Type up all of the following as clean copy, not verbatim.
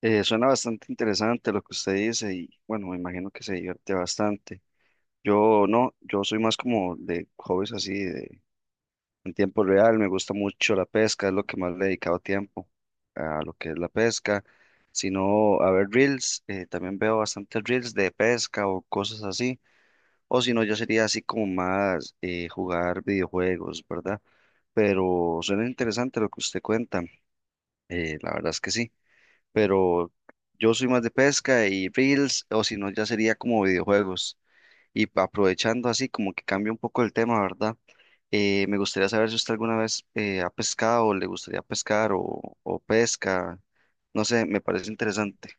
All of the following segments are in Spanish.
Suena bastante interesante lo que usted dice y bueno, me imagino que se divierte bastante. Yo no, yo soy más como de hobbies así, de, en tiempo real, me gusta mucho la pesca, es lo que más le he dedicado tiempo a lo que es la pesca, sino a ver reels, también veo bastantes reels de pesca o cosas así, o si no, yo sería así como más jugar videojuegos, ¿verdad? Pero suena interesante lo que usted cuenta, la verdad es que sí, pero yo soy más de pesca y reels, o si no, ya sería como videojuegos. Y aprovechando así, como que cambia un poco el tema, ¿verdad? Me gustaría saber si usted alguna vez ha pescado, le gustaría pescar o pesca, no sé, me parece interesante.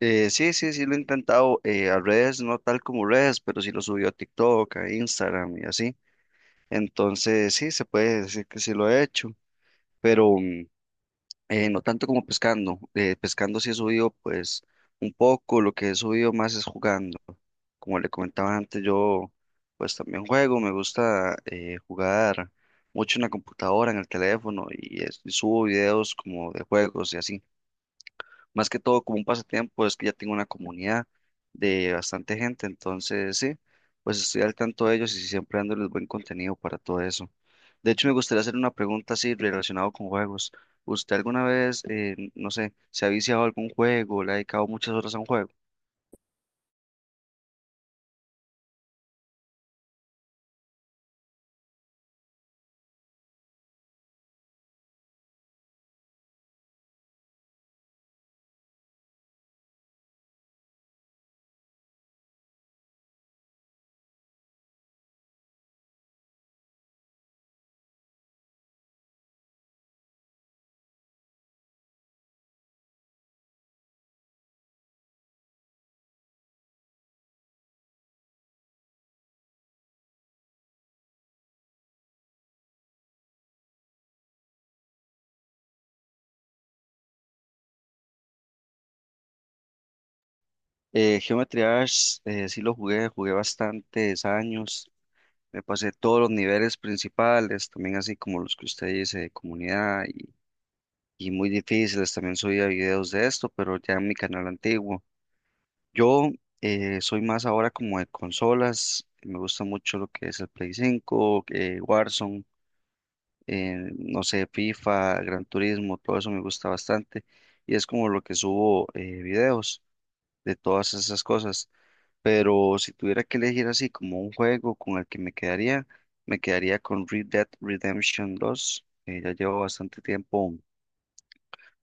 Sí, lo he intentado a redes, no tal como redes, pero sí lo subió a TikTok, a Instagram y así. Entonces, sí, se puede decir que sí lo he hecho, pero no tanto como pescando. Pescando sí he subido pues un poco, lo que he subido más es jugando. Como le comentaba antes, yo pues también juego, me gusta jugar mucho en la computadora, en el teléfono y subo videos como de juegos y así. Más que todo como un pasatiempo, es que ya tengo una comunidad de bastante gente, entonces sí, pues estoy al tanto de ellos y siempre dándoles buen contenido para todo eso. De hecho, me gustaría hacer una pregunta así relacionado con juegos. ¿Usted alguna vez, no sé, se ha viciado a algún juego, le ha dedicado muchas horas a un juego? Geometry Dash, sí lo jugué, jugué bastantes años, me pasé todos los niveles principales, también así como los que usted dice de comunidad y muy difíciles. También subía videos de esto, pero ya en mi canal antiguo. Yo soy más ahora como de consolas. Me gusta mucho lo que es el Play 5, Warzone, no sé, FIFA, Gran Turismo, todo eso me gusta bastante. Y es como lo que subo, videos de todas esas cosas. Pero si tuviera que elegir así como un juego con el que me quedaría con Red Dead Redemption 2. Ya llevo bastante tiempo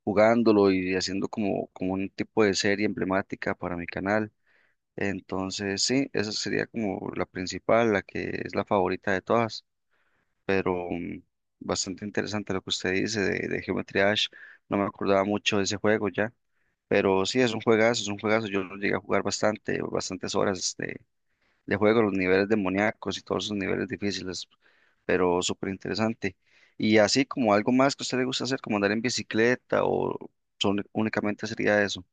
jugándolo y haciendo como un tipo de serie emblemática para mi canal. Entonces, sí, esa sería como la principal, la que es la favorita de todas, pero mm, bastante interesante lo que usted dice de Geometry Dash. No me acordaba mucho de ese juego ya, pero sí, es un juegazo, es un juegazo. Yo lo llegué a jugar bastante, bastantes horas de juego, los niveles demoníacos y todos esos niveles difíciles, pero súper interesante. Y así como algo más que a usted le gusta hacer, como andar en bicicleta o son, únicamente sería eso.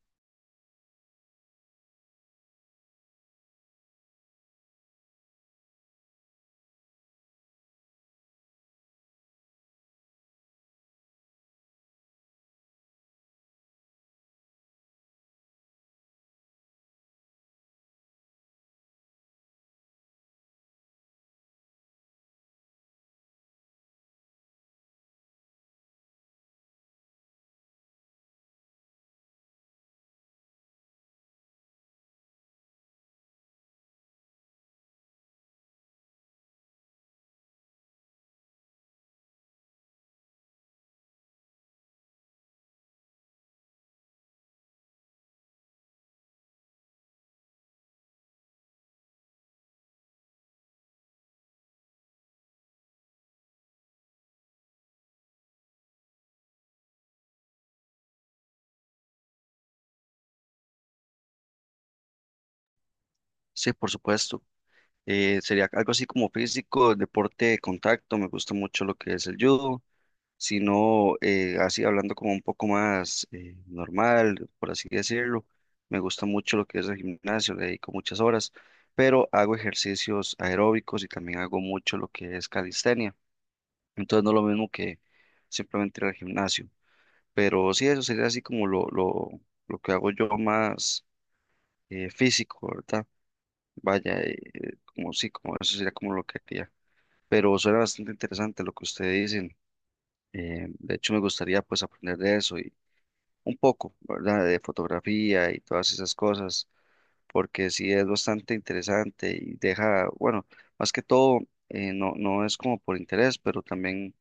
Sí, por supuesto. Sería algo así como físico, deporte de contacto, me gusta mucho lo que es el judo, sino así hablando como un poco más normal, por así decirlo, me gusta mucho lo que es el gimnasio, le dedico muchas horas, pero hago ejercicios aeróbicos y también hago mucho lo que es calistenia, entonces no es lo mismo que simplemente ir al gimnasio. Pero sí, eso sería así como lo que hago yo más físico, ¿verdad? Vaya, como sí, como eso sería como lo que haría. Pero suena bastante interesante lo que ustedes dicen. De hecho, me gustaría pues aprender de eso y un poco, ¿verdad? De fotografía y todas esas cosas, porque sí es bastante interesante y deja, bueno, más que todo, no, no es como por interés, pero también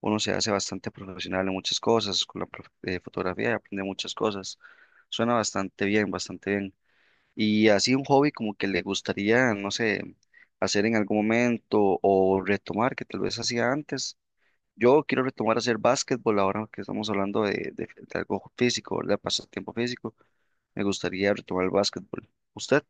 uno se hace bastante profesional en muchas cosas, con la fotografía aprende muchas cosas. Suena bastante bien, bastante bien. Y así un hobby como que le gustaría, no sé, hacer en algún momento o retomar, que tal vez hacía antes. Yo quiero retomar a hacer básquetbol ahora que estamos hablando de algo físico, de pasatiempo físico. Me gustaría retomar el básquetbol. ¿Usted?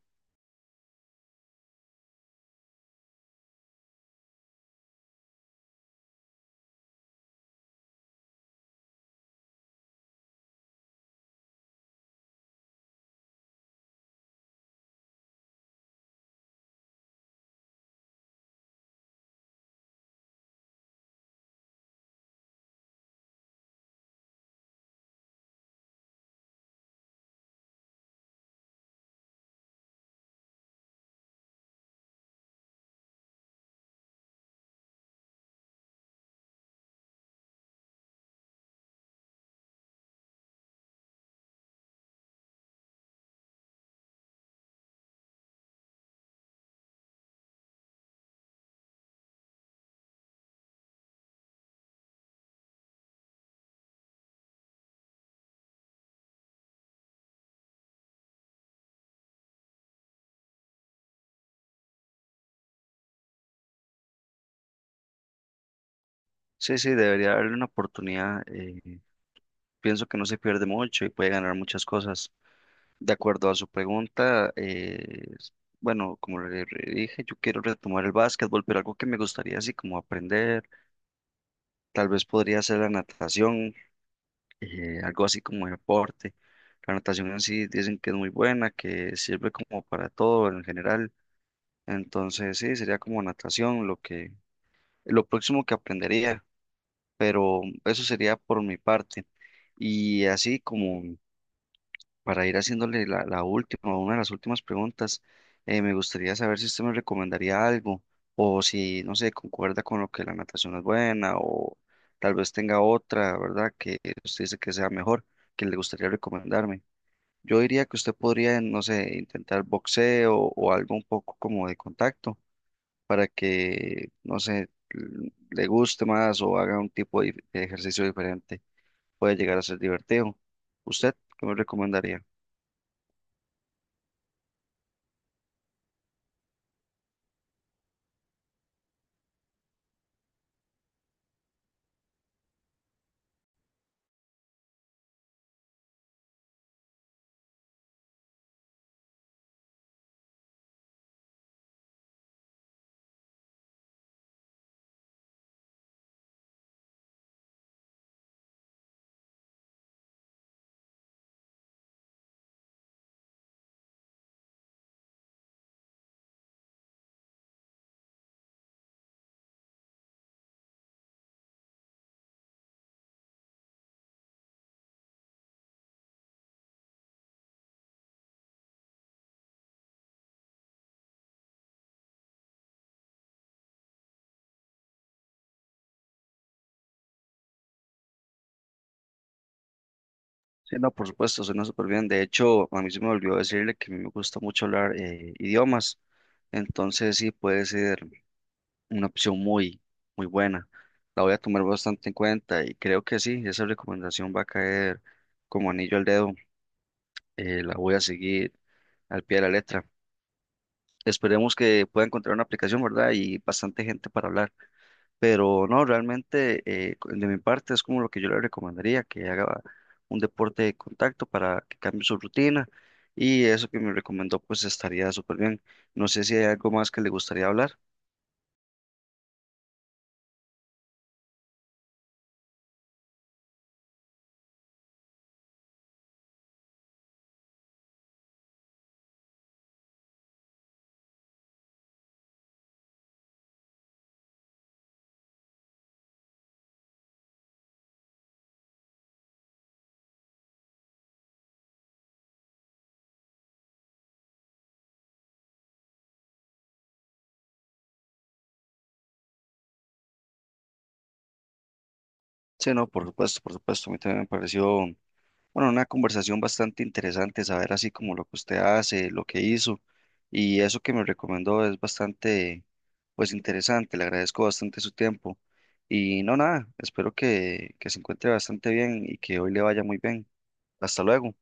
Sí, sí, debería darle una oportunidad. Pienso que no se pierde mucho y puede ganar muchas cosas. De acuerdo a su pregunta, bueno, como le dije, yo quiero retomar el básquetbol, pero algo que me gustaría así como aprender, tal vez podría ser la natación, algo así como deporte. La natación en sí dicen que es muy buena, que sirve como para todo en general. Entonces, sí, sería como natación lo próximo que aprendería. Pero eso sería por mi parte. Y así como para ir haciéndole la última, una de las últimas preguntas, me gustaría saber si usted me recomendaría algo o si, no sé, concuerda con lo que la natación es buena o tal vez tenga otra, ¿verdad? Que usted dice que sea mejor, que le gustaría recomendarme. Yo diría que usted podría, no sé, intentar boxeo o algo un poco como de contacto para que, no sé, le guste más o haga un tipo de ejercicio diferente, puede llegar a ser divertido. ¿Usted qué me recomendaría? Sí, no, por supuesto, suena súper bien. De hecho, a mí se me olvidó decirle que a mí me gusta mucho hablar idiomas, entonces sí puede ser una opción muy, muy buena. La voy a tomar bastante en cuenta y creo que sí, esa recomendación va a caer como anillo al dedo. La voy a seguir al pie de la letra. Esperemos que pueda encontrar una aplicación, ¿verdad? Y bastante gente para hablar. Pero no, realmente de mi parte es como lo que yo le recomendaría, que haga un deporte de contacto para que cambie su rutina, y eso que me recomendó pues estaría súper bien. No sé si hay algo más que le gustaría hablar. Sí, no, por supuesto, a mí también me pareció bueno, una conversación bastante interesante, saber así como lo que usted hace, lo que hizo, y eso que me recomendó es bastante, pues, interesante. Le agradezco bastante su tiempo y no, nada, espero que se encuentre bastante bien y que hoy le vaya muy bien. Hasta luego.